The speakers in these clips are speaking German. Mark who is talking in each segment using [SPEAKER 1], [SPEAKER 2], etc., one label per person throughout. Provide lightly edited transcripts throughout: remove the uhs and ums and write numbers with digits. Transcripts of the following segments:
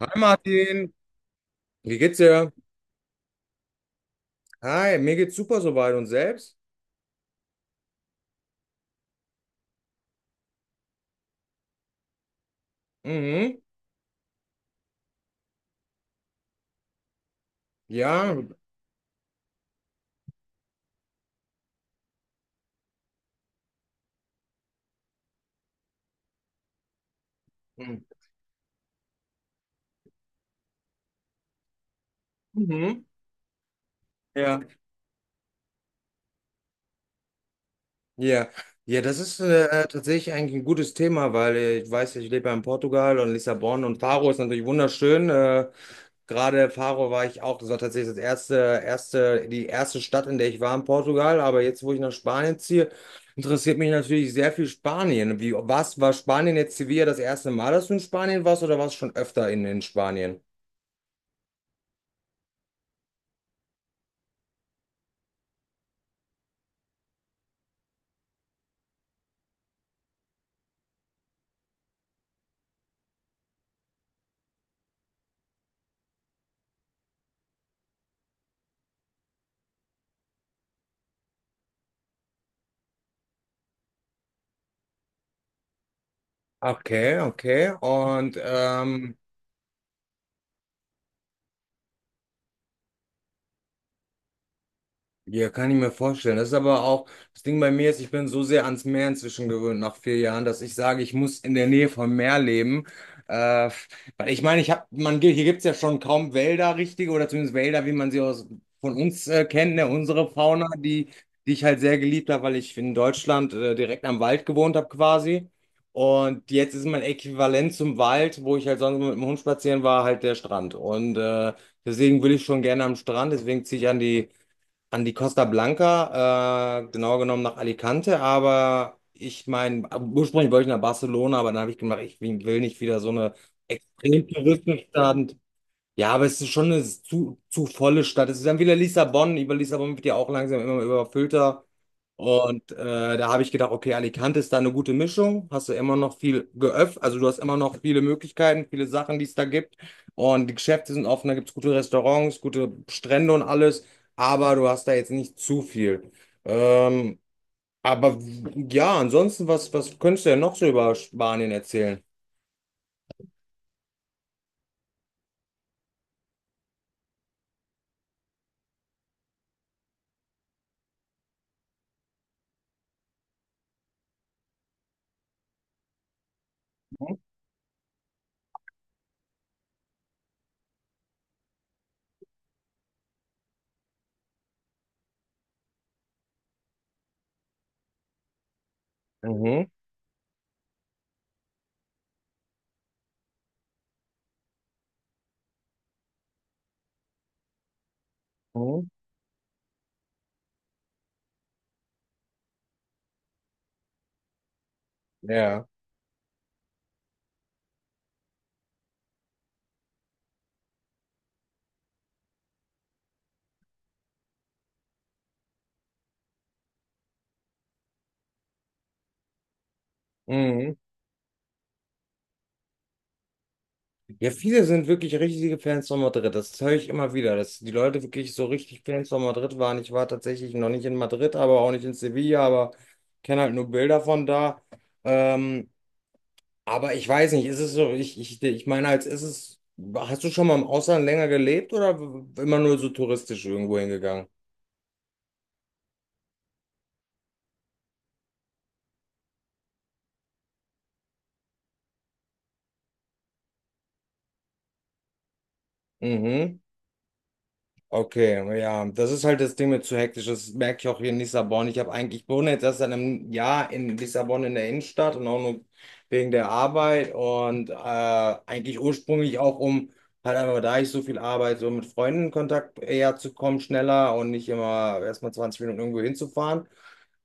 [SPEAKER 1] Hi Martin, wie geht's dir? Hi, mir geht's super soweit und selbst? Mhm. Ja. Mhm. Ja. Ja. Ja, das ist tatsächlich eigentlich ein gutes Thema, weil ich weiß, ja, ich lebe ja in Portugal und Lissabon und Faro ist natürlich wunderschön. Gerade Faro war ich auch, das war tatsächlich die erste Stadt, in der ich war in Portugal. Aber jetzt, wo ich nach Spanien ziehe, interessiert mich natürlich sehr viel Spanien. Wie, was war Spanien jetzt Sevilla das erste Mal, dass du in Spanien warst oder warst du schon öfter in Spanien? Okay, okay. Und ja, kann ich mir vorstellen. Das ist aber auch, das Ding bei mir ist, ich bin so sehr ans Meer inzwischen gewöhnt nach 4 Jahren, dass ich sage, ich muss in der Nähe vom Meer leben. Äh, Weil ich meine, ich habe, man, hier gibt's ja schon kaum Wälder, richtige, oder zumindest Wälder, wie man sie aus, von uns kennt, ne? Unsere Fauna, die ich halt sehr geliebt habe, weil ich in Deutschland direkt am Wald gewohnt habe quasi. Und jetzt ist mein Äquivalent zum Wald, wo ich halt sonst mit dem Hund spazieren war, halt der Strand. Und deswegen will ich schon gerne am Strand, deswegen ziehe ich an die Costa Blanca, genauer genommen nach Alicante, aber ich meine, ursprünglich wollte ich nach Barcelona, aber dann habe ich gemerkt, ich will nicht wieder so eine extrem touristische Stadt. Ja, aber es ist schon eine zu volle Stadt. Es ist dann wieder Lissabon. Über Lissabon wird ja auch langsam immer überfüllter. Und da habe ich gedacht, okay, Alicante ist da eine gute Mischung. Hast du immer noch also du hast immer noch viele Möglichkeiten, viele Sachen, die es da gibt. Und die Geschäfte sind offen, da gibt es gute Restaurants, gute Strände und alles. Aber du hast da jetzt nicht zu viel. Ähm, aber ja, ansonsten, was könntest du denn noch so über Spanien erzählen? Mhm. Mhm. Ja. Mhm. Ja, viele sind wirklich richtige Fans von Madrid. Das höre ich immer wieder, dass die Leute wirklich so richtig Fans von Madrid waren. Ich war tatsächlich noch nicht in Madrid, aber auch nicht in Sevilla, aber kenne halt nur Bilder von da. Ähm, aber ich weiß nicht, ist es so, ich meine, hast du schon mal im Ausland länger gelebt oder immer nur so touristisch irgendwo hingegangen? Mhm. Okay, ja, das ist halt das Ding mit zu hektisch. Das merke ich auch hier in Lissabon. Ich habe eigentlich, ich wohne jetzt erst seit einem Jahr in Lissabon in der Innenstadt und auch nur wegen der Arbeit und eigentlich ursprünglich auch um halt einfach, da ich so viel arbeite, so mit Freunden in Kontakt eher zu kommen, schneller und nicht immer erstmal 20 Minuten irgendwo hinzufahren.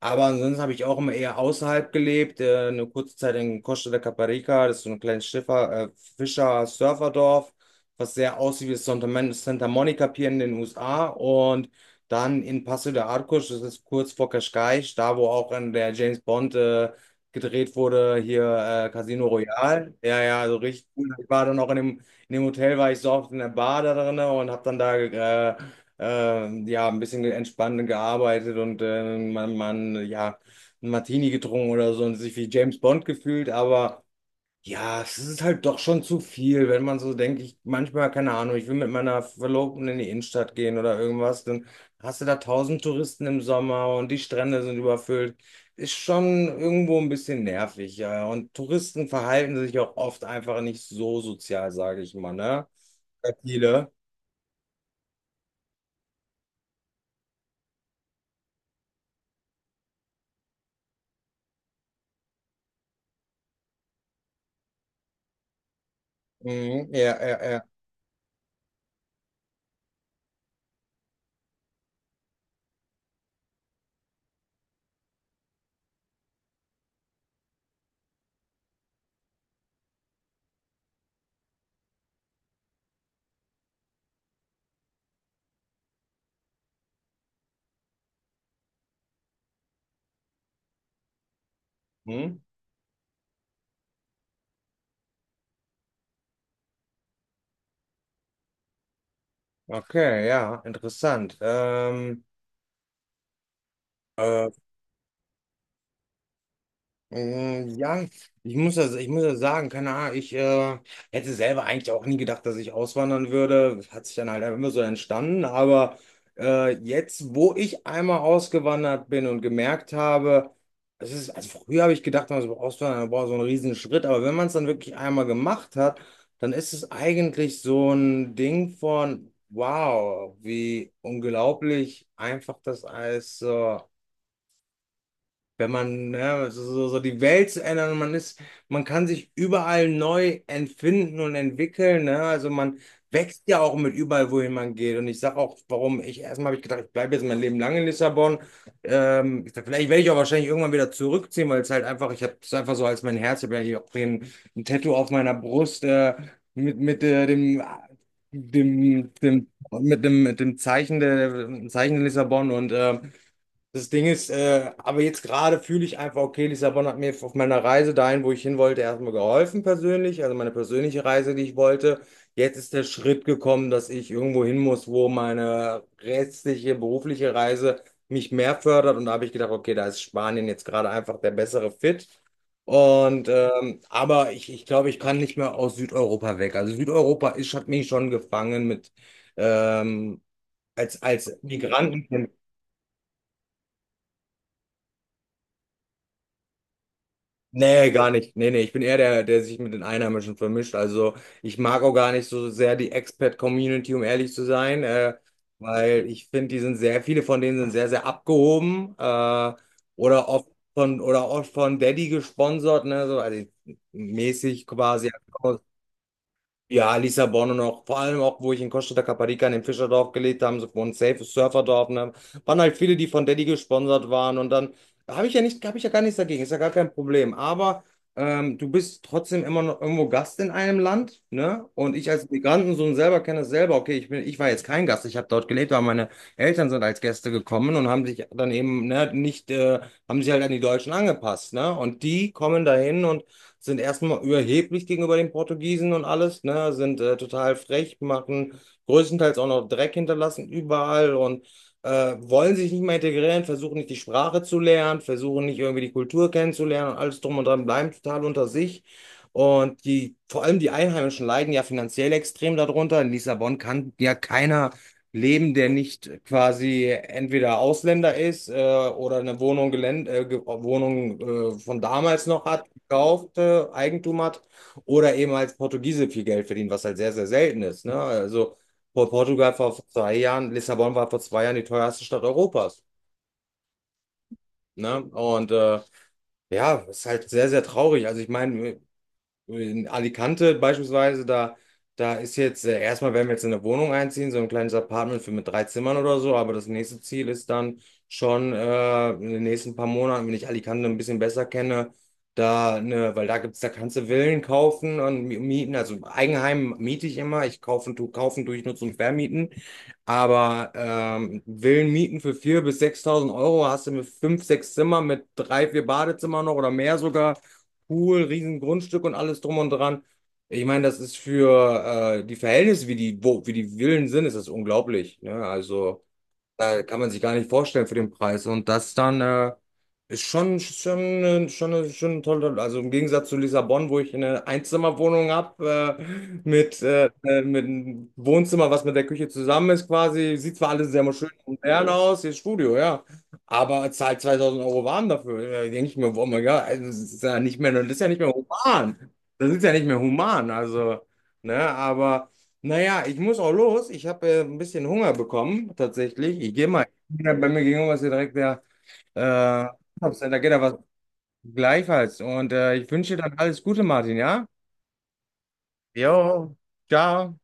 [SPEAKER 1] Aber ansonsten habe ich auch immer eher außerhalb gelebt. Eine kurze Zeit in Costa de Caparica, das ist so ein kleines Schiffer, Fischer-Surferdorf, was sehr aussieht wie das Santa Monica Pier in den USA. Und dann in Paso de Arcos, das ist kurz vor Cascais, da wo auch in der James Bond gedreht wurde, hier Casino Royale. Ja, ja, also richtig cool. Ich war dann auch in dem Hotel, war ich so oft in der Bar da drin und habe dann da äh, ja, ein bisschen entspannt gearbeitet und man, ja, ein Martini getrunken oder so und sich wie James Bond gefühlt, aber ja, es ist halt doch schon zu viel, wenn man so denkt, ich manchmal, keine Ahnung, ich will mit meiner Verlobten in die Innenstadt gehen oder irgendwas, dann hast du da tausend Touristen im Sommer und die Strände sind überfüllt. Ist schon irgendwo ein bisschen nervig, ja. Und Touristen verhalten sich auch oft einfach nicht so sozial, sage ich mal, ne? Viele. Mhm. Ja, ja, ja. Hm? Okay, ja, interessant. Äh, ja, ich muss das sagen, keine Ahnung, ich hätte selber eigentlich auch nie gedacht, dass ich auswandern würde. Das hat sich dann halt einfach immer so entstanden. Aber jetzt, wo ich einmal ausgewandert bin und gemerkt habe, es ist, also früher habe ich gedacht, man so auswandern, boah, so ein Riesenschritt. Aber wenn man es dann wirklich einmal gemacht hat, dann ist es eigentlich so ein Ding von, wow, wie unglaublich einfach das alles so. Wenn man, ja, so die Welt zu ändern und man kann sich überall neu entfinden und entwickeln, ne? Also man wächst ja auch mit überall, wohin man geht. Und ich sage auch, warum ich erstmal habe ich gedacht, ich bleibe jetzt mein Leben lang in Lissabon. Ich sag, vielleicht werde ich auch wahrscheinlich irgendwann wieder zurückziehen, weil es halt einfach, ich habe es einfach so als mein Herz, ich habe ja hier auch ein Tattoo auf meiner Brust mit dem, dem, mit dem Zeichen der Lissabon und das Ding ist, aber jetzt gerade fühle ich einfach, okay, Lissabon hat mir auf meiner Reise dahin, wo ich hin wollte, erstmal geholfen persönlich, also meine persönliche Reise, die ich wollte. Jetzt ist der Schritt gekommen, dass ich irgendwo hin muss, wo meine restliche berufliche Reise mich mehr fördert. Und da habe ich gedacht, okay, da ist Spanien jetzt gerade einfach der bessere Fit. Und aber ich glaube, ich kann nicht mehr aus Südeuropa weg. Also Südeuropa ist, hat mich schon gefangen mit ähm, als Migranten. Nee, gar nicht. Nee, nee, ich bin eher der, der sich mit den Einheimischen vermischt. Also ich mag auch gar nicht so sehr die Expat-Community, um ehrlich zu sein, weil ich finde, die sind viele von denen sind sehr, sehr abgehoben oder oft oder oft von Daddy gesponsert, ne, so also mäßig quasi. Ja, ja, Lissabon und auch vor allem auch, wo ich in Costa da Caparica in dem Fischerdorf gelebt habe, so ein safe Surferdorf, ne? Waren halt viele, die von Daddy gesponsert waren und dann habe ich ja gar nichts dagegen, ist ja gar kein Problem. Aber du bist trotzdem immer noch irgendwo Gast in einem Land, ne? Und ich als Migrantensohn selber kenne das selber. Okay, ich war jetzt kein Gast, ich habe dort gelebt, aber meine Eltern sind als Gäste gekommen und haben sich dann eben, ne, nicht, haben sich halt an die Deutschen angepasst, ne? Und die kommen dahin und sind erstmal überheblich gegenüber den Portugiesen und alles, ne? Sind total frech, machen größtenteils auch noch Dreck hinterlassen überall und wollen sich nicht mehr integrieren, versuchen nicht die Sprache zu lernen, versuchen nicht irgendwie die Kultur kennenzulernen und alles drum und dran, bleiben total unter sich. Und vor allem die Einheimischen leiden ja finanziell extrem darunter. In Lissabon kann ja keiner leben, der nicht quasi entweder Ausländer ist oder eine Wohnung, Gelände, Wohnung von damals noch hat kaufte, Eigentum hat oder eben als Portugiese viel Geld verdienen, was halt sehr, sehr selten ist. Ne? Also Portugal vor 2 Jahren, Lissabon war vor 2 Jahren die teuerste Stadt Europas. Ne? Und ja, ist halt sehr, sehr traurig. Also ich meine, in Alicante beispielsweise, da ist jetzt, erstmal werden wir jetzt in eine Wohnung einziehen, so ein kleines Apartment für mit 3 Zimmern oder so, aber das nächste Ziel ist dann schon in den nächsten paar Monaten, wenn ich Alicante ein bisschen besser kenne, da, ne, weil da gibt's, da kannst du Villen kaufen und mieten, also Eigenheim miete ich immer, ich kaufen tue ich nur zum Vermieten, aber Villen mieten für 4.000 bis 6.000 Euro hast du mit 5, 6 Zimmer, mit 3, 4 Badezimmer noch oder mehr sogar cool, riesen Grundstück und alles drum und dran. Ich meine, das ist für die Verhältnisse, wie die Villen sind, ist das unglaublich. Ne? Also. Da kann man sich gar nicht vorstellen für den Preis. Und das dann ist schon toll. Also im Gegensatz zu Lissabon, wo ich eine Einzimmerwohnung habe, mit einem Wohnzimmer, was mit der Küche zusammen ist, quasi. Sieht zwar alles sehr schön und modern aus, hier ist Studio, ja. Aber zahlt 2.000 Euro warm dafür. Da denke ich mir, oh mein Gott, also das ist ja nicht mehr human. Das ist ja nicht mehr human. Also, ne, aber. Naja, ich muss auch los. Ich habe ein bisschen Hunger bekommen, tatsächlich. Ich gehe mal. Ja, bei mir gegenüber ist hier direkt der äh, Einkaufscenter, da geht ja was gleichfalls. Und ich wünsche dir dann alles Gute, Martin, ja? Jo, Ciao.